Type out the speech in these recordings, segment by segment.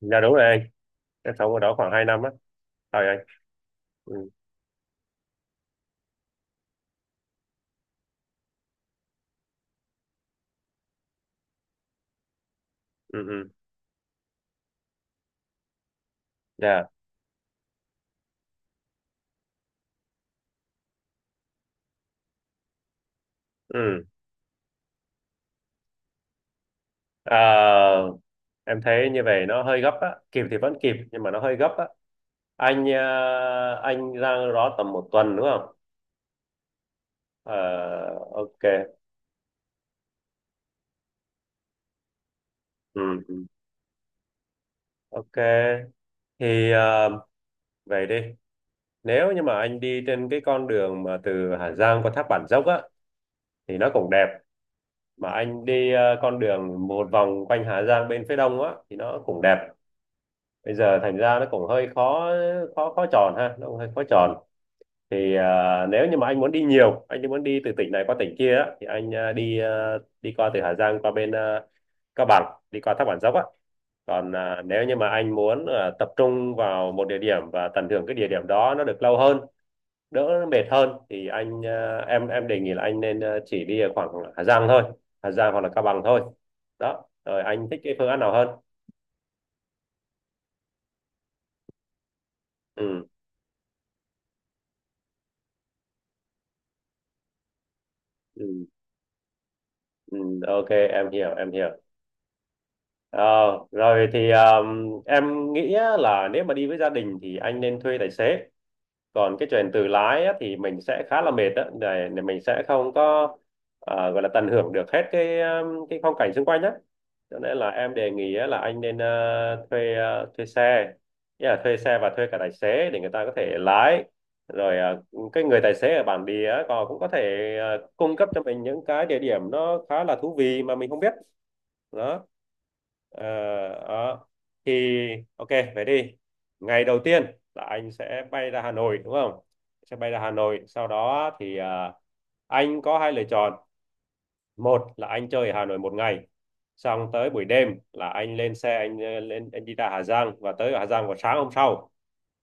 Dạ đúng rồi anh, em sống ở đó khoảng 2 năm á, rồi anh. Ừ, ừ, ừ, dạ, ừ. Ờ, em thấy như vậy nó hơi gấp á, kịp thì vẫn kịp nhưng mà nó hơi gấp á. Anh ra đó tầm một tuần đúng không? Ờ, ok, ừ, ừ. Ok. Thì vậy đi. Nếu như mà anh đi trên cái con đường mà từ Hà Giang qua thác Bản Dốc á, thì nó cũng đẹp. Mà anh đi con đường một vòng quanh Hà Giang bên phía đông á, thì nó cũng đẹp. Bây giờ thành ra nó cũng hơi khó khó khó tròn ha, nó cũng hơi khó tròn. Thì nếu như mà anh muốn đi nhiều, anh muốn đi từ tỉnh này qua tỉnh kia á, thì anh à, đi qua từ Hà Giang qua bên Cao Bằng, đi qua Thác Bản Dốc á. Còn nếu như mà anh muốn tập trung vào một địa điểm và tận hưởng cái địa điểm đó nó được lâu hơn, đỡ mệt hơn, thì anh à, em đề nghị là anh nên chỉ đi ở khoảng Hà Giang thôi, Hà Giang hoặc là Cao Bằng thôi. Đó, rồi anh thích cái phương án nào hơn? Ừ, ừ, ừ, ok, em hiểu em hiểu. Ờ, rồi thì em nghĩ á là nếu mà đi với gia đình thì anh nên thuê tài xế. Còn cái chuyện tự lái á, thì mình sẽ khá là mệt đó, để mình sẽ không có, gọi là tận hưởng được hết cái, cái phong cảnh xung quanh á. Cho nên là em đề nghị á, là anh nên thuê xe. Nghĩa là thuê xe và thuê cả tài xế để người ta có thể lái. Rồi cái người tài xế ở bản địa á, còn cũng có thể cung cấp cho mình những cái địa điểm nó khá là thú vị mà mình không biết. Đó. Ờ, đó. Thì ok, về đi. Ngày đầu tiên là anh sẽ bay ra Hà Nội đúng không? Sẽ bay ra Hà Nội, sau đó thì anh có hai lựa chọn. Một là anh chơi ở Hà Nội một ngày. Xong tới buổi đêm là anh lên xe, anh ờ, lên anh đi ra Hà Giang và tới Hà Giang vào sáng hôm sau.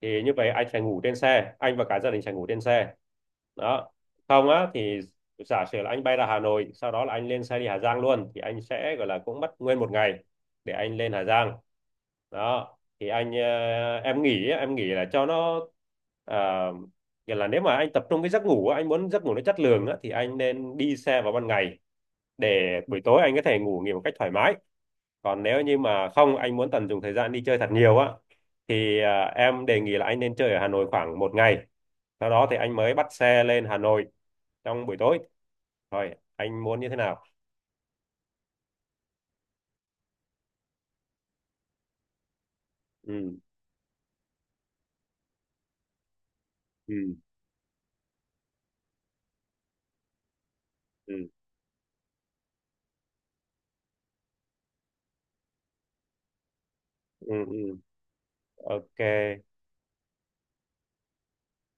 Thì như vậy anh sẽ ngủ trên xe, anh và cả gia đình sẽ ngủ trên xe. Đó, không á thì giả sử là anh bay ra Hà Nội, sau đó là anh lên xe đi Hà Giang luôn, thì anh sẽ gọi là cũng mất nguyên một ngày để anh lên Hà Giang. Đó thì em nghĩ á, em nghĩ là cho nó, à, nghĩa là nếu mà anh tập trung cái giấc ngủ á, anh muốn giấc ngủ nó chất lượng á, thì anh nên đi xe vào ban ngày để buổi tối anh có thể ngủ nghỉ một cách thoải mái. Còn nếu như mà không, anh muốn tận dụng thời gian đi chơi thật nhiều á, thì em đề nghị là anh nên chơi ở Hà Nội khoảng một ngày, sau đó thì anh mới bắt xe lên Hà Nội trong buổi tối. Thôi, anh muốn như thế nào? Ừ, ừ, ừ, ừ, ừ. Ok.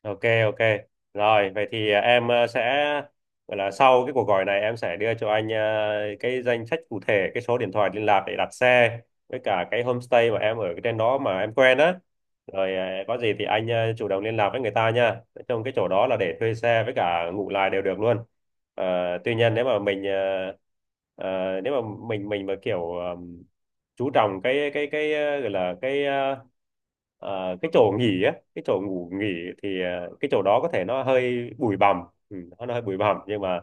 Ok. Ok. Rồi, vậy thì em sẽ gọi là sau cái cuộc gọi này em sẽ đưa cho anh cái danh sách cụ thể, cái số điện thoại liên lạc để đặt xe với cả cái homestay mà em ở cái trên đó mà em quen á. Rồi có gì thì anh chủ động liên lạc với người ta nha. Trong cái chỗ đó là để thuê xe với cả ngủ lại đều được luôn. À, tuy nhiên nếu mà nếu mà mình mà kiểu chú trọng cái, gọi là cái chỗ nghỉ á, cái chỗ ngủ nghỉ, thì cái chỗ đó có thể nó hơi bụi bặm. Ừ, nó hơi bụi bặm nhưng mà,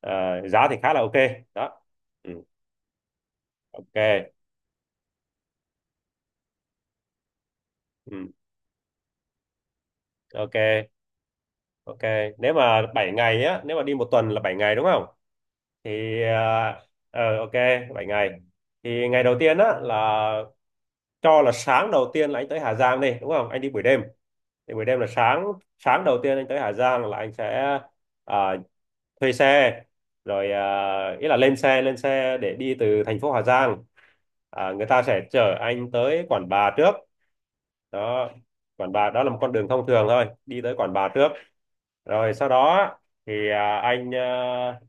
ờ, giá thì khá là ok. Đó. Ừ, ok. Ừ, ok, ok. Nếu mà 7 ngày á, nếu mà đi một tuần là 7 ngày đúng không? Thì ok, 7 ngày. Thì ngày đầu tiên á là, cho là sáng đầu tiên là anh tới Hà Giang đi, đúng không? Anh đi buổi đêm thì buổi đêm là sáng. Sáng đầu tiên anh tới Hà Giang là anh sẽ ờ, thuê xe, rồi ý là lên xe để đi từ thành phố Hà Giang. Người ta sẽ chở anh tới Quản Bạ trước. Đó, Quản Bạ đó là một con đường thông thường thôi, đi tới Quản Bạ trước, rồi sau đó thì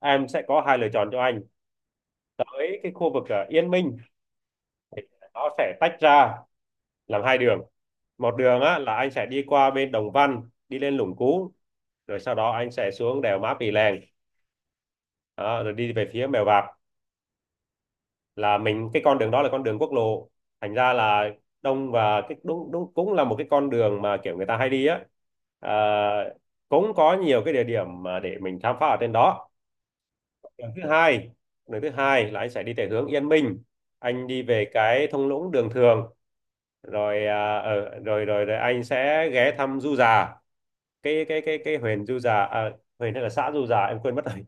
em sẽ có hai lựa chọn cho anh. Tới cái khu vực Yên Minh, nó sẽ tách ra làm hai đường. Một đường á, là anh sẽ đi qua bên Đồng Văn, đi lên Lũng Cú, rồi sau đó anh sẽ xuống đèo Mã Pì Lèng. Đó, rồi đi về phía Mèo Vạc. Là mình, cái con đường đó là con đường quốc lộ, thành ra là đông, và cái đúng, đúng cũng là một cái con đường mà kiểu người ta hay đi á. à, Cũng có nhiều cái địa điểm mà để mình khám phá ở trên đó. Đường thứ hai, đường thứ hai là anh sẽ đi về hướng Yên Minh, anh đi về cái thung lũng Đường Thường, rồi à, ở rồi, rồi rồi anh sẽ ghé thăm Du Già, cái huyện Du Già, huyện hay là xã Du Già em quên mất rồi.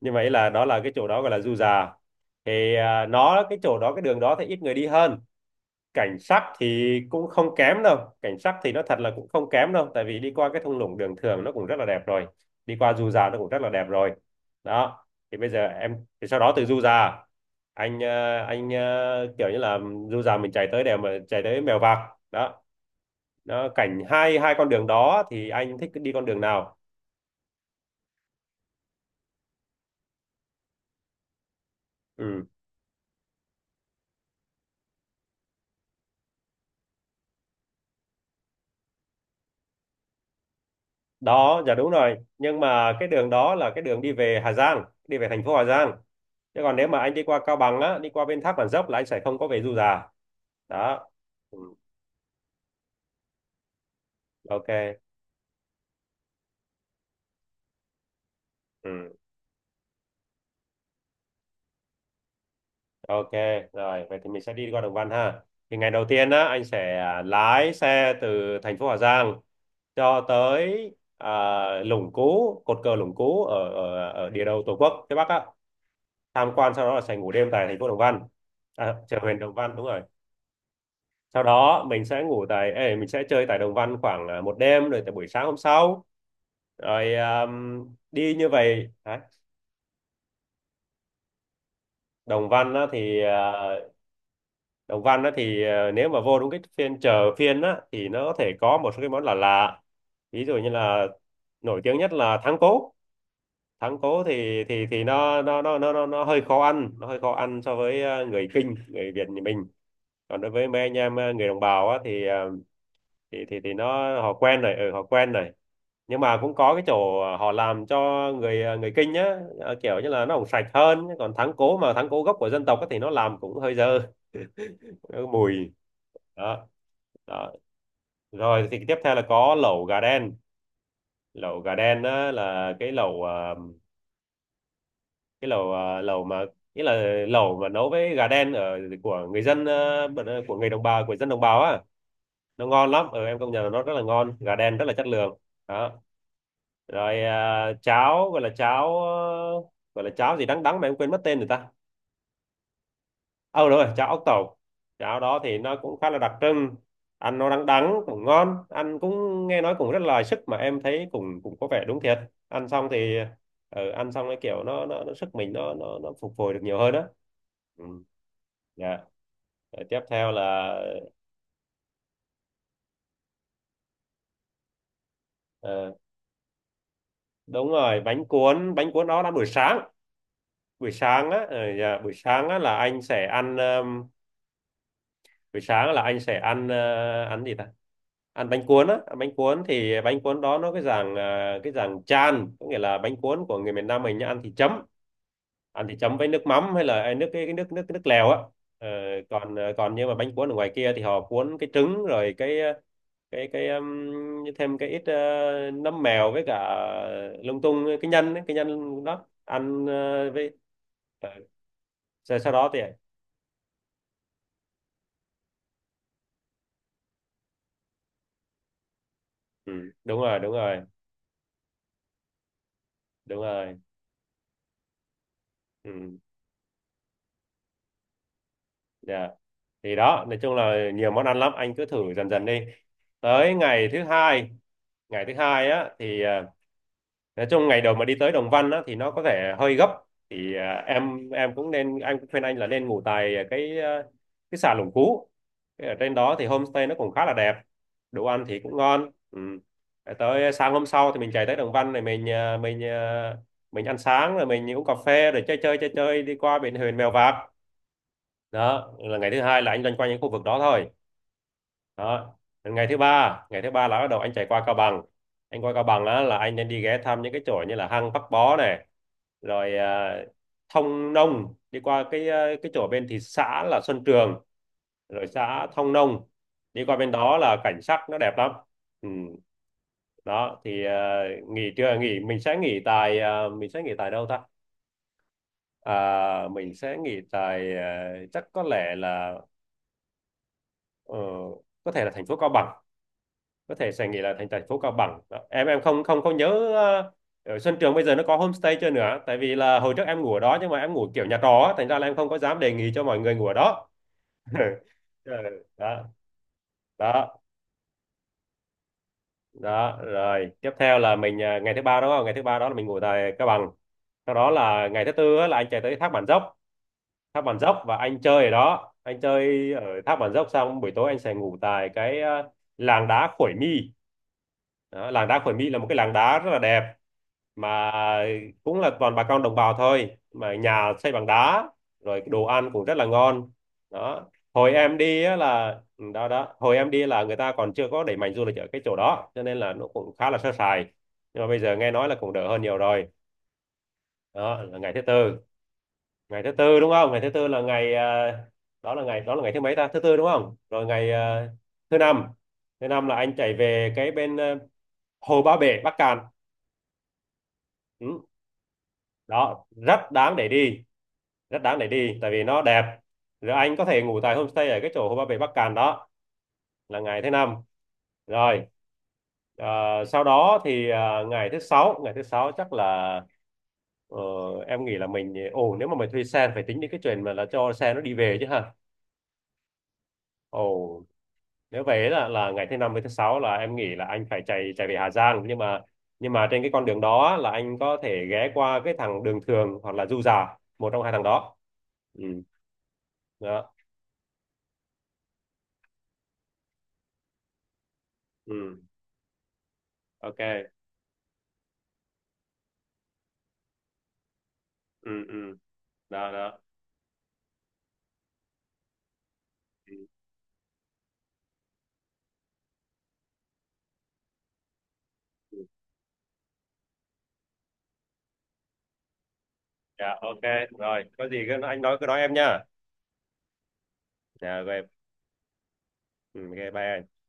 Như vậy là, đó là cái chỗ đó gọi là Du Già. Thì nó, cái chỗ đó, cái đường đó thì ít người đi hơn. Cảnh sắc thì cũng không kém đâu, cảnh sắc thì nó thật là cũng không kém đâu, tại vì đi qua cái thung lũng Đường Thường nó cũng rất là đẹp rồi, đi qua Du Già nó cũng rất là đẹp rồi. Đó, thì bây giờ em thì, sau đó từ Du Già, kiểu như là Du Già mình chạy tới Mèo Vạc. Đó, nó cảnh hai hai con đường đó thì anh thích đi con đường nào? Ừ, đó, dạ đúng rồi, nhưng mà cái đường đó là cái đường đi về Hà Giang, đi về thành phố Hà Giang, chứ còn nếu mà anh đi qua Cao Bằng á, đi qua bên Thác Bản Dốc là anh sẽ không có về Du Già. Đó. Ừ, ok. Ừ, ok, rồi vậy thì mình sẽ đi qua Đồng Văn ha. Thì ngày đầu tiên á, anh sẽ lái xe từ thành phố Hà Giang cho tới, à, Lũng Cú, cột cờ Lũng Cú ở, ở ở địa đầu Tổ quốc phía Bắc á, tham quan, sau đó là sẽ ngủ đêm tại thành phố Đồng Văn, chợ huyện Đồng Văn, đúng rồi. Sau đó mình sẽ chơi tại Đồng Văn khoảng một đêm, rồi tại buổi sáng hôm sau, rồi à, đi như vậy. Đấy. Đồng Văn á, thì nếu mà vô đúng cái phiên chợ, phiên á, thì nó có thể có một số cái món là lạ lạ. Ví dụ như là, nổi tiếng nhất là thắng cố. Thắng cố thì nó hơi khó ăn, nó hơi khó ăn so với người Kinh, người Việt như mình. Còn đối với mấy anh em, người đồng bào á, thì nó họ quen này, ừ, họ quen này. Nhưng mà cũng có cái chỗ họ làm cho người Kinh nhá, kiểu như là nó cũng sạch hơn, còn thắng cố, mà thắng cố gốc của dân tộc á thì nó làm cũng hơi dơ. Nó mùi. Đó, đó. Rồi thì tiếp theo là có lẩu gà đen. Lẩu gà đen á, là cái lẩu ờ, lẩu mà nghĩa là lẩu mà nấu với gà đen ở của người đồng bào của dân đồng bào á, nó ngon lắm. Ừ, em công nhận là nó rất là ngon, gà đen rất là chất lượng. Đó. Rồi cháo, gọi là cháo gì đắng đắng mà em quên mất tên rồi ta. Ờ, đúng rồi, cháo ốc tẩu. Cháo đó thì nó cũng khá là đặc trưng. Ăn nó đắng đắng cũng ngon, ăn cũng nghe nói cũng rất là sức mà em thấy cũng cũng có vẻ đúng thiệt. Ăn xong thì ăn xong cái kiểu nó sức mình, nó phục hồi được nhiều hơn đó. Ừ. Dạ. Rồi tiếp theo là ờ, đúng rồi, bánh cuốn, đó là buổi sáng. Buổi sáng á là anh sẽ ăn. Buổi sáng là anh sẽ ăn ăn gì ta, ăn bánh cuốn á. Ăn bánh cuốn thì bánh cuốn đó nó cái dạng chan, có nghĩa là bánh cuốn của người miền Nam mình nhá, ăn thì chấm, ăn thì chấm với nước mắm hay là nước cái nước nước nước lèo á. Ờ, còn còn nhưng mà bánh cuốn ở ngoài kia thì họ cuốn cái trứng rồi cái cái cái um, thêm cái ít nấm mèo với cả lung tung cái nhân ấy, cái nhân đó ăn với ờ, sau sau đó thì ừ, đúng rồi đúng rồi. Ừ, dạ. Thì đó, nói chung là nhiều món ăn lắm, anh cứ thử dần dần đi. Tới ngày thứ hai, ngày thứ hai á thì nói chung ngày đầu mà đi tới Đồng Văn á thì nó có vẻ hơi gấp. Thì à, cũng nên, anh cũng khuyên anh là nên ngủ tại cái cái xà Lũng Cú. Cái ở trên đó thì homestay nó cũng khá là đẹp, đồ ăn thì cũng ngon. Ừ. Tới sáng hôm sau thì mình chạy tới Đồng Văn này, mình ăn sáng rồi mình uống cà phê rồi chơi, chơi đi qua biển Huyền Mèo Vạc. Đó là ngày thứ hai, là anh loanh quanh những khu vực đó thôi. Đó. Đến ngày thứ ba, ngày thứ ba là bắt đầu anh chạy qua Cao Bằng. Anh qua Cao Bằng á là anh nên đi ghé thăm những cái chỗ như là hang Bắc Bó này, rồi Thông Nông, đi qua cái cái chỗ bên thị xã là Xuân Trường, rồi xã Thông Nông. Đi qua bên đó là cảnh sắc nó đẹp lắm. Ừ. Đó thì nghỉ trưa, nghỉ mình sẽ nghỉ tại mình sẽ nghỉ tại đâu ta. À, mình sẽ nghỉ tại chắc có lẽ là ờ, có thể là thành phố Cao Bằng, có thể sẽ nghĩ là thành thành phố Cao Bằng. Đó. Em không không không nhớ ở Xuân Trường bây giờ nó có homestay chưa nữa, tại vì là hồi trước em ngủ ở đó nhưng mà em ngủ kiểu nhà trọ á, thành ra là em không có dám đề nghị cho mọi người ngủ ở đó. Đó. Đó. Đó rồi tiếp theo là ngày thứ ba đúng không, ngày thứ ba đó là mình ngủ tại Cao Bằng. Sau đó là ngày thứ tư á, là anh chạy tới thác Bản Dốc. Thác Bản Dốc và anh chơi ở đó, anh chơi ở thác Bản Dốc xong buổi tối anh sẽ ngủ tại cái làng đá Khuổi Mi. Đó, làng đá Khuổi Mi là một cái làng đá rất là đẹp mà cũng là toàn bà con đồng bào thôi, mà nhà xây bằng đá, rồi đồ ăn cũng rất là ngon. Đó, hồi em đi á là ừ, đó đó hồi em đi là người ta còn chưa có đẩy mạnh du lịch ở cái chỗ đó cho nên là nó cũng khá là sơ sài. Nhưng mà bây giờ nghe nói là cũng đỡ hơn nhiều rồi. Đó là ngày thứ tư. Ngày thứ tư đúng không, ngày thứ tư là ngày đó là ngày, đó là ngày thứ mấy ta, thứ tư đúng không, rồi ngày thứ năm. Thứ năm là anh chạy về cái bên Hồ Ba Bể Bắc Cạn. Ừ. Đó, rất đáng để đi, rất đáng để đi tại vì nó đẹp. Rồi anh có thể ngủ tại homestay ở cái chỗ Hồ Ba Bể Bắc Cạn đó, là ngày thứ năm. Rồi ờ, sau đó thì ngày thứ sáu, ngày thứ sáu chắc là ờ, em nghĩ là mình ờ, ồ, nếu mà mình thuê xe phải tính đến cái chuyện mà là cho xe nó đi về chứ hả. Ồ, nếu vậy là ngày thứ năm với thứ sáu là em nghĩ là anh phải chạy chạy về Hà Giang, nhưng mà, nhưng mà trên cái con đường đó là anh có thể ghé qua cái thằng đường thường hoặc là Du Già, một trong hai thằng đó. Ừ. Đó. Ừ, ok. Ừ. Ừ. Đó. Đó. Dạ, ok. Rồi có gì cứ anh nói cứ nói em nha. Dạ rồi. Ừ, ok bye anh.